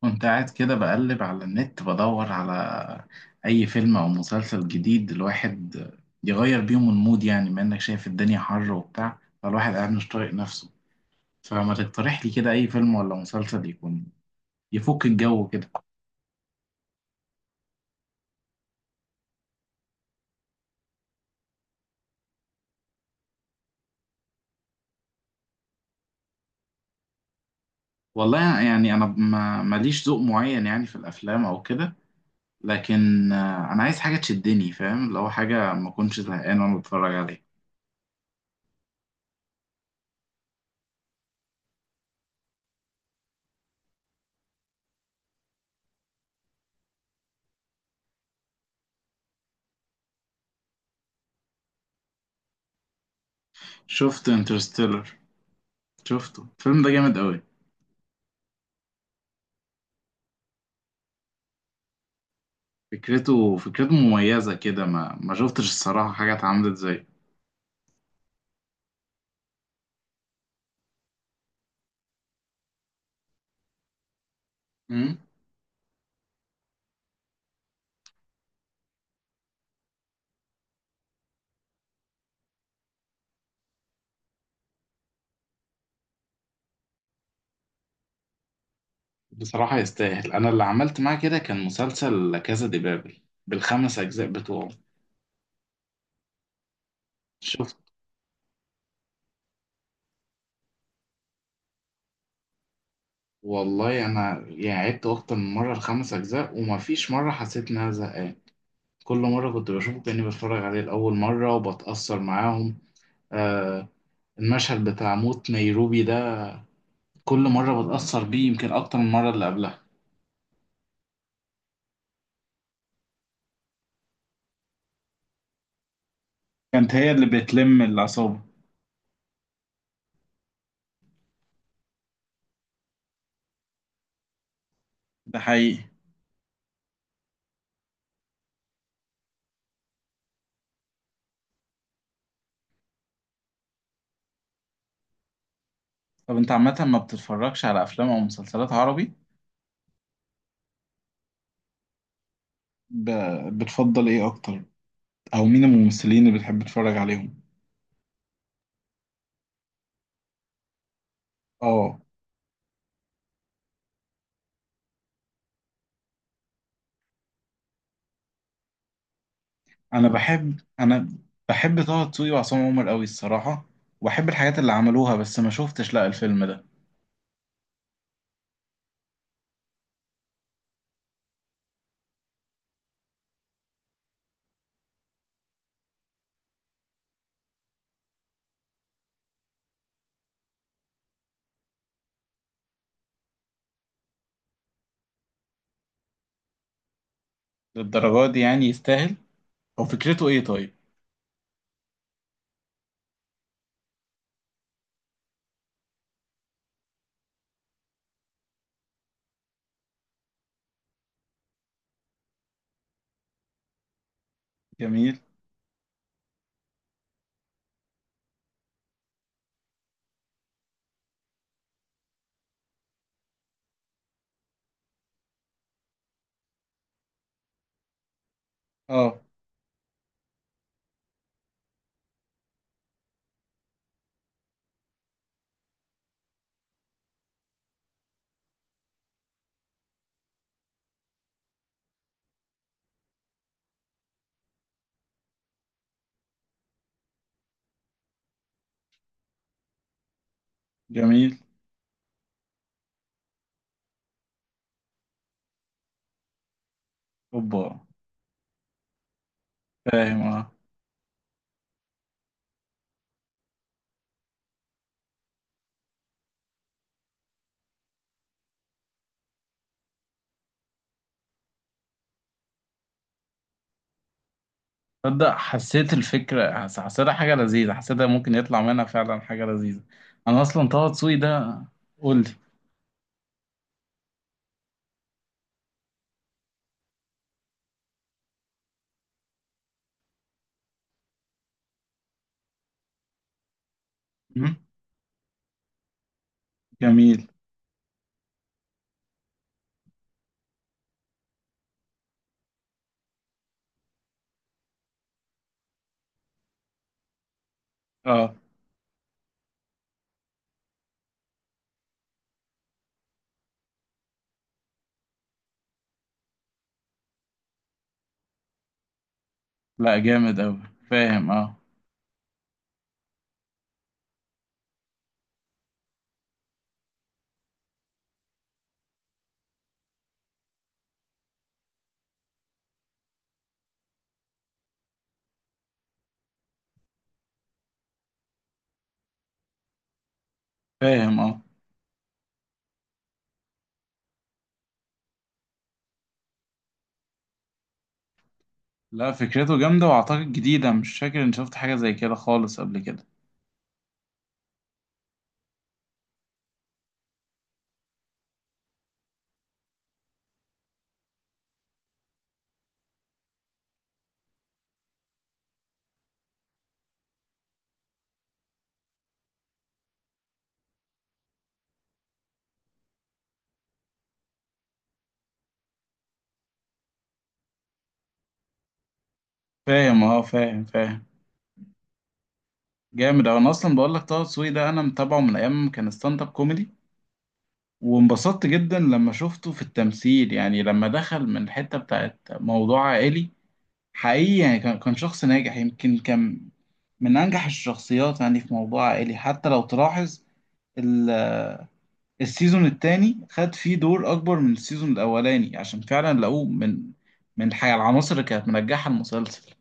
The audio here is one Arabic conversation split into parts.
كنت قاعد كده بقلب على النت بدور على أي فيلم أو مسلسل جديد. الواحد يغير بيهم المود، يعني بما إنك شايف الدنيا حر وبتاع، فالواحد قاعد مش طايق نفسه. فما تقترح لي كده أي فيلم ولا مسلسل يكون يفك الجو كده؟ والله يعني أنا ما ماليش ذوق معين يعني في الأفلام أو كده، لكن أنا عايز حاجة تشدني، فاهم؟ لو حاجة ما أكونش زهقان وأنا بتفرج عليها. شفت انترستيلر، شفته. الفيلم ده جامد أوي. فكرته مميزة كده، ما شفتش الصراحة حاجة اتعملت زيه. مم. بصراحة يستاهل. أنا اللي عملت معاه كده كان مسلسل كازا دي بابل بالخمس أجزاء بتوعه. شفت. والله أنا يعني عدت أكتر من مرة الخمس أجزاء وما فيش مرة حسيت إن أنا زهقان. كل مرة كنت بشوفه كأني بتفرج عليه لأول مرة وبتأثر معاهم. آه، المشهد بتاع موت نيروبي ده كل مرة بتأثر بيه يمكن أكتر من المرة اللي قبلها. كانت هي اللي بتلم العصابة. ده حقيقي. طب انت عامة ما بتتفرجش على افلام او مسلسلات عربي؟ ب... بتفضل ايه اكتر؟ او مين الممثلين اللي بتحب تتفرج عليهم؟ اه. انا بحب طه دسوقي وعصام عمر قوي الصراحة، واحب الحاجات اللي عملوها، بس ما شفتش لا الفيلم ده. للدرجة دي يعني؟ يستاهل؟ او فكرته ايه طيب؟ جميل. اه. جميل. اوبا. فاهم اه. تصدق حسيت الفكرة حسيتها حاجة لذيذة، حسيتها ممكن يطلع منها فعلا حاجة لذيذة. انا اصلا طه دسوقي ده. قول لي. جميل. اه. لا جامد أوي. فاهم اه. فاهم اه. لا فكرته جامدة وأعتقد جديدة، مش فاكر إني شفت حاجة زي كده خالص قبل كده. فاهم اه. فاهم فاهم. جامد أوي. أنا أصلا بقول لك طه دسوقي ده أنا متابعه من أيام ما كان ستاند أب كوميدي، وانبسطت جدا لما شفته في التمثيل، يعني لما دخل من الحتة بتاعت موضوع عائلي. حقيقي يعني كان شخص ناجح، يمكن كان من أنجح الشخصيات يعني في موضوع عائلي. حتى لو تلاحظ السيزون التاني خد فيه دور اكبر من السيزون الاولاني عشان فعلا لقوه من الحاجه العناصر اللي كانت منجحه المسلسل.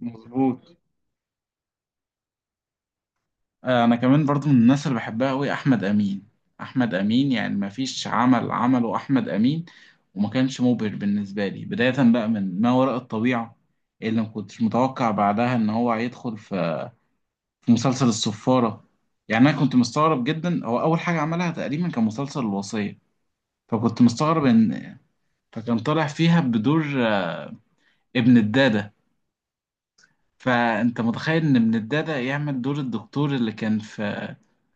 مظبوط. انا كمان برضو من الناس اللي بحبها قوي احمد امين. احمد امين يعني ما فيش عمل عمله احمد امين وما كانش مبهر بالنسبه لي. بدايه بقى من ما وراء الطبيعه، اللي ما كنتش متوقع بعدها ان هو هيدخل في مسلسل الصفاره. يعني انا كنت مستغرب جدا. هو اول حاجه عملها تقريبا كان مسلسل الوصيه، فكنت مستغرب ان فكان طالع فيها بدور ابن الدادة. فأنت متخيل إن ابن الدادة يعمل دور الدكتور اللي كان في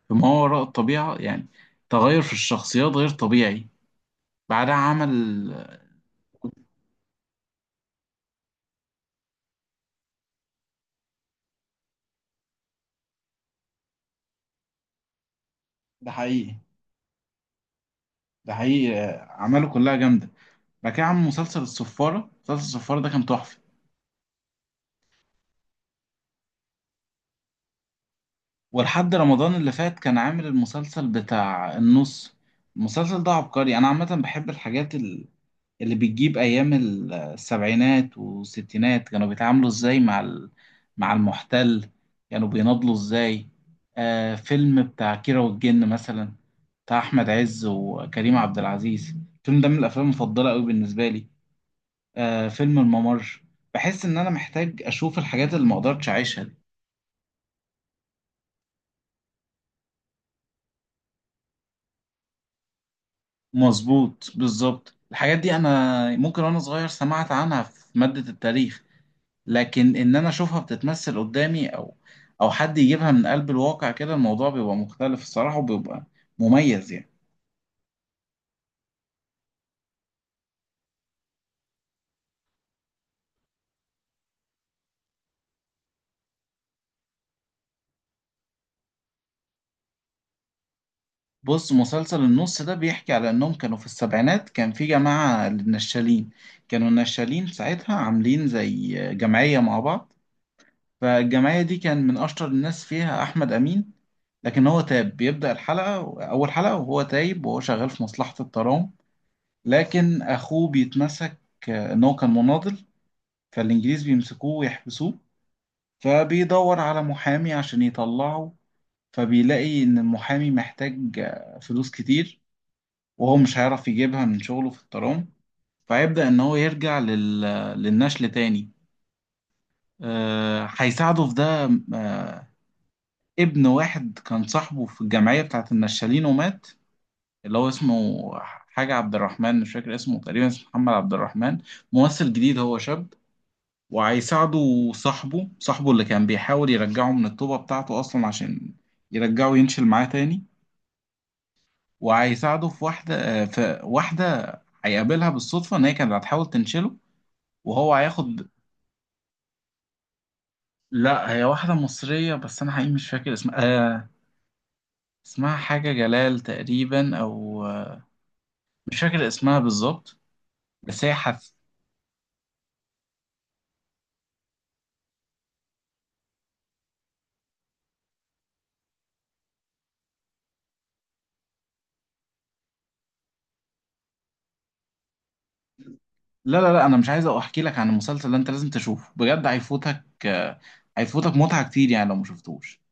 ما وراء الطبيعة؟ يعني تغير في الشخصيات غير طبيعي. بعدها عمل. ده حقيقي. ده حقيقي. أعماله كلها جامدة. بعد كده عمل مسلسل الصفارة. مسلسل الصفارة ده كان تحفة. ولحد رمضان اللي فات كان عامل المسلسل بتاع النص. المسلسل ده عبقري. أنا عامة بحب الحاجات اللي بتجيب أيام السبعينات والستينات، كانوا بيتعاملوا إزاي مع مع المحتل، كانوا بيناضلوا إزاي. آه، فيلم بتاع كيرة والجن مثلا بتاع أحمد عز وكريم عبد العزيز، الفيلم ده من الأفلام المفضلة أوي بالنسبة لي. آه، فيلم الممر. بحس إن أنا محتاج أشوف الحاجات اللي مقدرتش أعيشها دي. مظبوط. بالظبط الحاجات دي أنا ممكن وأنا صغير سمعت عنها في مادة التاريخ، لكن ان انا اشوفها بتتمثل قدامي، او حد يجيبها من قلب الواقع كده، الموضوع بيبقى مختلف الصراحة وبيبقى مميز يعني. بص مسلسل النص ده بيحكي على انهم كانوا في السبعينات كان في جماعة للنشالين، كانوا النشالين ساعتها عاملين زي جمعية مع بعض. فالجمعية دي كان من اشطر الناس فيها احمد امين، لكن هو تاب. بيبدأ الحلقة اول حلقة وهو تايب وهو شغال في مصلحة الترام، لكن اخوه بيتمسك ان هو كان مناضل، فالإنجليز بيمسكوه ويحبسوه. فبيدور على محامي عشان يطلعه، فبيلاقي إن المحامي محتاج فلوس كتير، وهو مش هيعرف يجيبها من شغله في الترام. فيبدأ إن هو يرجع للنشل تاني. هيساعده في ده. آه، ابن واحد كان صاحبه في الجمعية بتاعت النشالين ومات، اللي هو اسمه حاجة عبد الرحمن، مش فاكر اسمه، تقريبا اسمه محمد عبد الرحمن. ممثل جديد، هو شاب، وهيساعده. صاحبه اللي كان بيحاول يرجعه من الطوبة بتاعته أصلا عشان يرجعه ينشل معاه تاني. وهيساعده في واحدة، في واحدة هيقابلها بالصدفة إن هي كانت هتحاول تنشله وهو هياخد. لا هي واحدة مصرية، بس أنا حقيقي مش فاكر اسمها. آه، اسمها حاجة جلال تقريبا، أو مش فاكر اسمها بالظبط. بس هي حس. لا لا لا، أنا مش عايز أحكي لك عن المسلسل ده، أنت لازم تشوفه بجد. هيفوتك هيفوتك متعة كتير يعني لو مشفتوش.